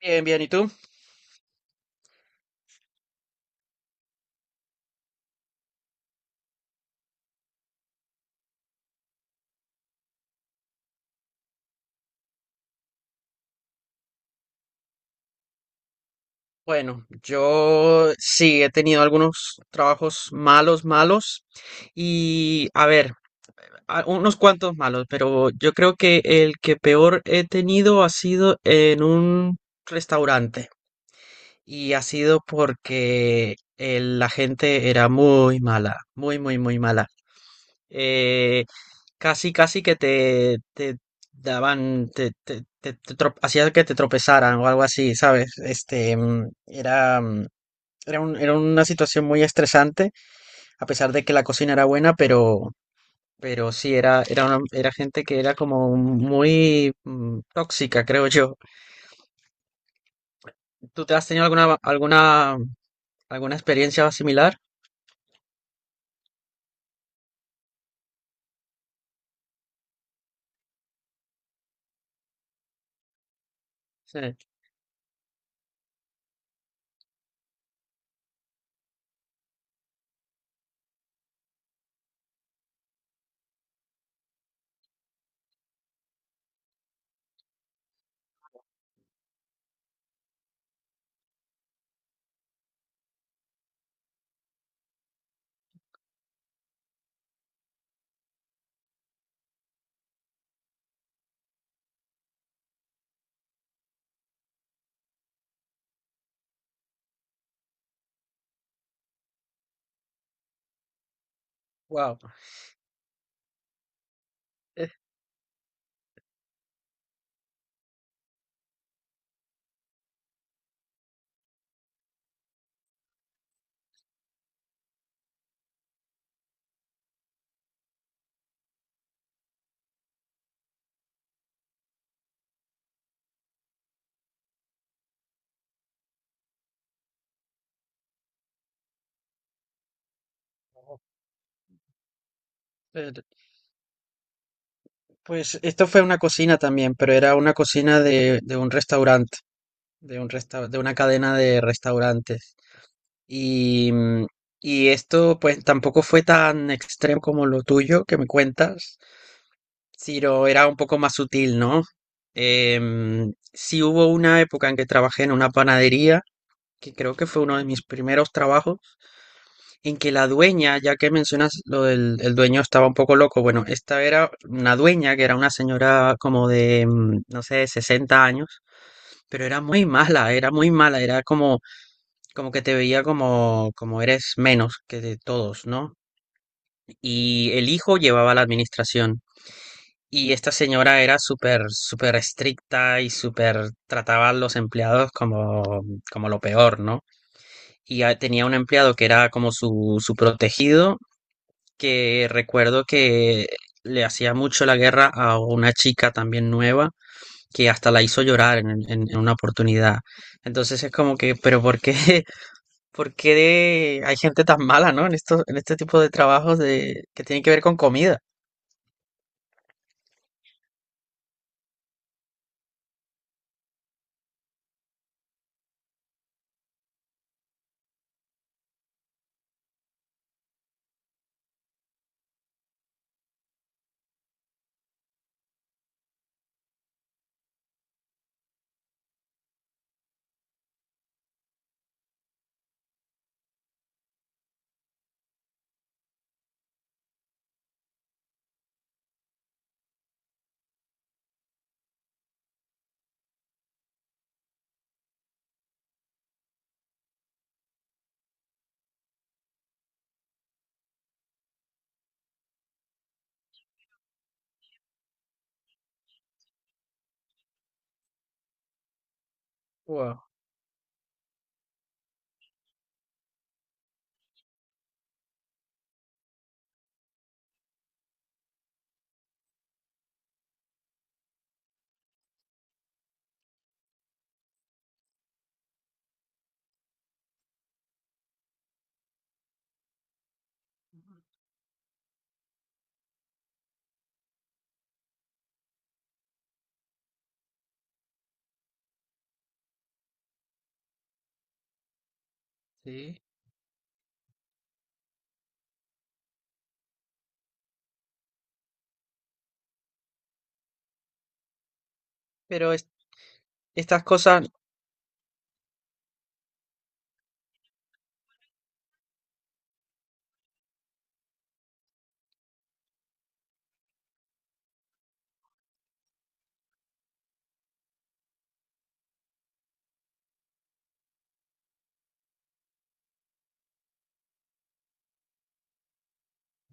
Bien, bien, ¿y tú? Bueno, yo sí he tenido algunos trabajos malos, malos, y a ver, unos cuantos malos, pero yo creo que el que peor he tenido ha sido en un restaurante, y ha sido porque la gente era muy mala, muy mala. Eh, casi que te daban, te hacía que te tropezaran o algo así, ¿sabes? Era una situación muy estresante, a pesar de que la cocina era buena, pero sí, era gente que era como muy tóxica, creo yo. ¿Tú te has tenido alguna experiencia similar? Sí. Wow. Pues esto fue una cocina también, pero era una cocina de un restaurante, de un de una cadena de restaurantes. Y, mm, y esto pues tampoco fue tan extremo como lo tuyo que me cuentas. Ciro era un poco más sutil, ¿no? Sí hubo una época en que trabajé en una panadería, que creo que fue uno de mis primeros trabajos, en que la dueña, ya que mencionas lo del el dueño estaba un poco loco, bueno, esta era una dueña que era una señora como de, no sé, 60 años, pero era muy mala, era muy mala, era como, como que te veía como, como eres menos que de todos, ¿no? Y el hijo llevaba la administración. Y esta señora era súper, súper estricta y súper trataba a los empleados como, como lo peor, ¿no? Y tenía un empleado que era como su protegido, que recuerdo que le hacía mucho la guerra a una chica también nueva, que hasta la hizo llorar en una oportunidad. Entonces es como que, pero ¿por qué, por qué hay gente tan mala, ¿no? En estos, en este tipo de trabajos de, que tienen que ver con comida. Wow, sí. Pero estas cosas.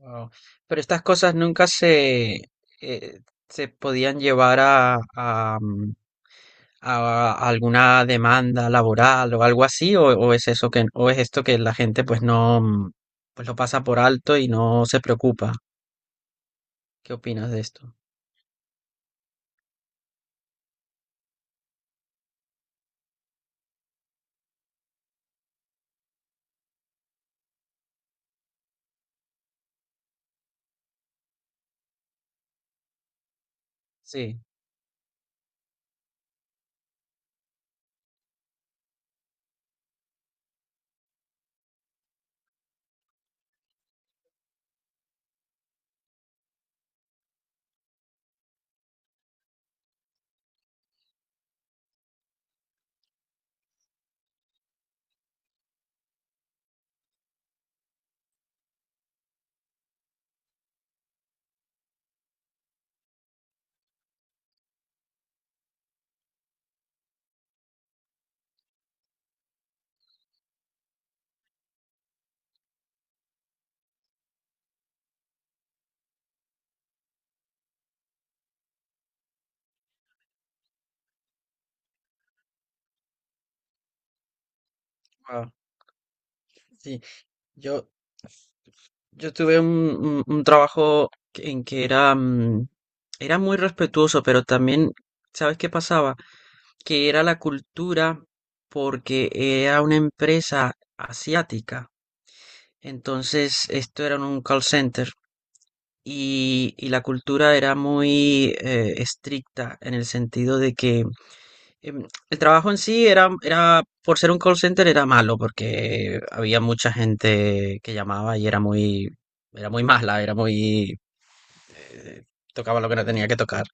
Wao. Pero estas cosas nunca se, eh, se podían llevar a alguna demanda laboral o algo así, o es eso que, o es esto que la gente pues no, pues lo pasa por alto y no se preocupa. ¿Qué opinas de esto? Sí, wao. Sí, yo. Yo tuve un trabajo en que era, era muy respetuoso, pero también, ¿sabes qué pasaba? Que era la cultura porque era una empresa asiática. Entonces, esto era un call center y la cultura era muy estricta en el sentido de que el trabajo en sí era, era, por ser un call center era malo porque había mucha gente que llamaba y era muy mala, era muy, eh, tocaba lo que no tenía que tocar.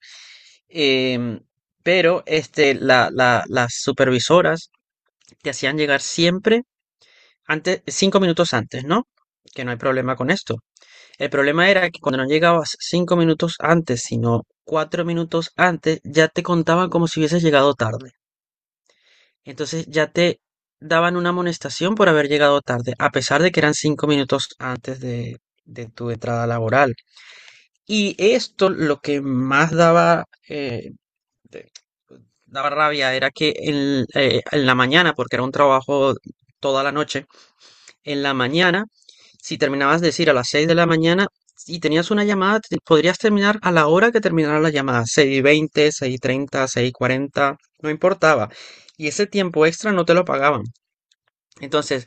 Em, pero este, las supervisoras te hacían llegar siempre antes, cinco minutos antes, ¿no? Que no hay problema con esto. El problema era que cuando no llegabas cinco minutos antes, sino cuatro minutos antes, ya te contaban como si hubieses llegado tarde. Entonces ya te daban una amonestación por haber llegado tarde, a pesar de que eran cinco minutos antes de tu entrada laboral. Y esto lo que más daba, de- daba rabia era que en la mañana, porque era un trabajo toda la noche, en la mañana, si terminabas de decir a las seis de la mañana y tenías una llamada, podrías terminar a la hora que terminara la llamada, seis y veinte, seis y treinta, seis y cuarenta, no importaba. Y ese tiempo extra no te lo pagaban. Entonces,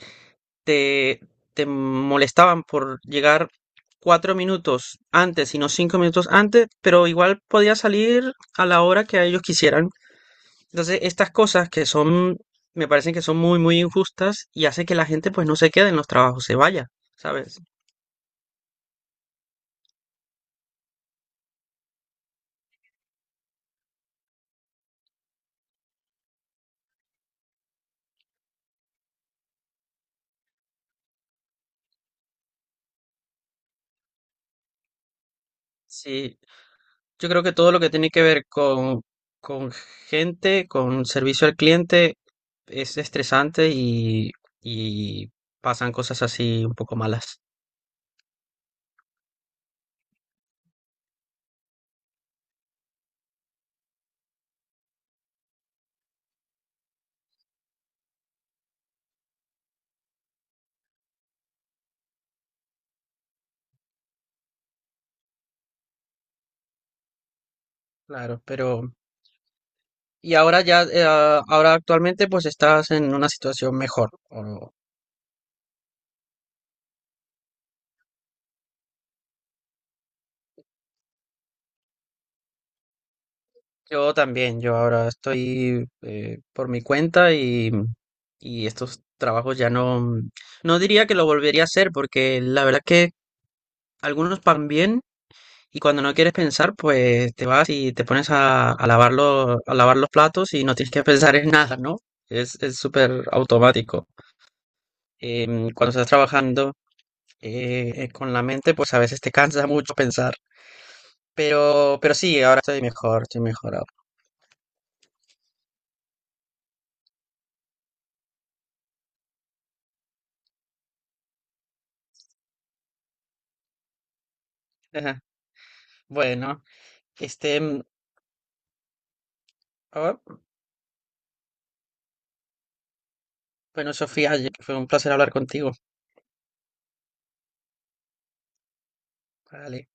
te, te molestaban por llegar cuatro minutos antes y no cinco minutos antes, pero igual podías salir a la hora que a ellos quisieran. Entonces, estas cosas que son, me parecen que son muy, muy injustas y hace que la gente pues no se quede en los trabajos, se vaya, ¿sabes? Sí, yo creo que todo lo que tiene que ver con gente, con servicio al cliente, es estresante y pasan cosas así un poco malas. Claro, pero. Y ahora ya, ahora actualmente pues estás en una situación mejor. O- yo también, yo ahora estoy por mi cuenta y estos trabajos ya no, no diría que lo volvería a hacer porque la verdad que algunos van bien y cuando no quieres pensar pues te vas y te pones a lavar los platos y no tienes que pensar en nada, ¿no? Es súper automático. Cuando estás trabajando con la mente pues a veces te cansa mucho pensar. Pero sí, ahora estoy mejor ahora. Ajá. Bueno, este, mm, ah, bueno, Sofía, oye, fue un placer hablar contigo. Vale.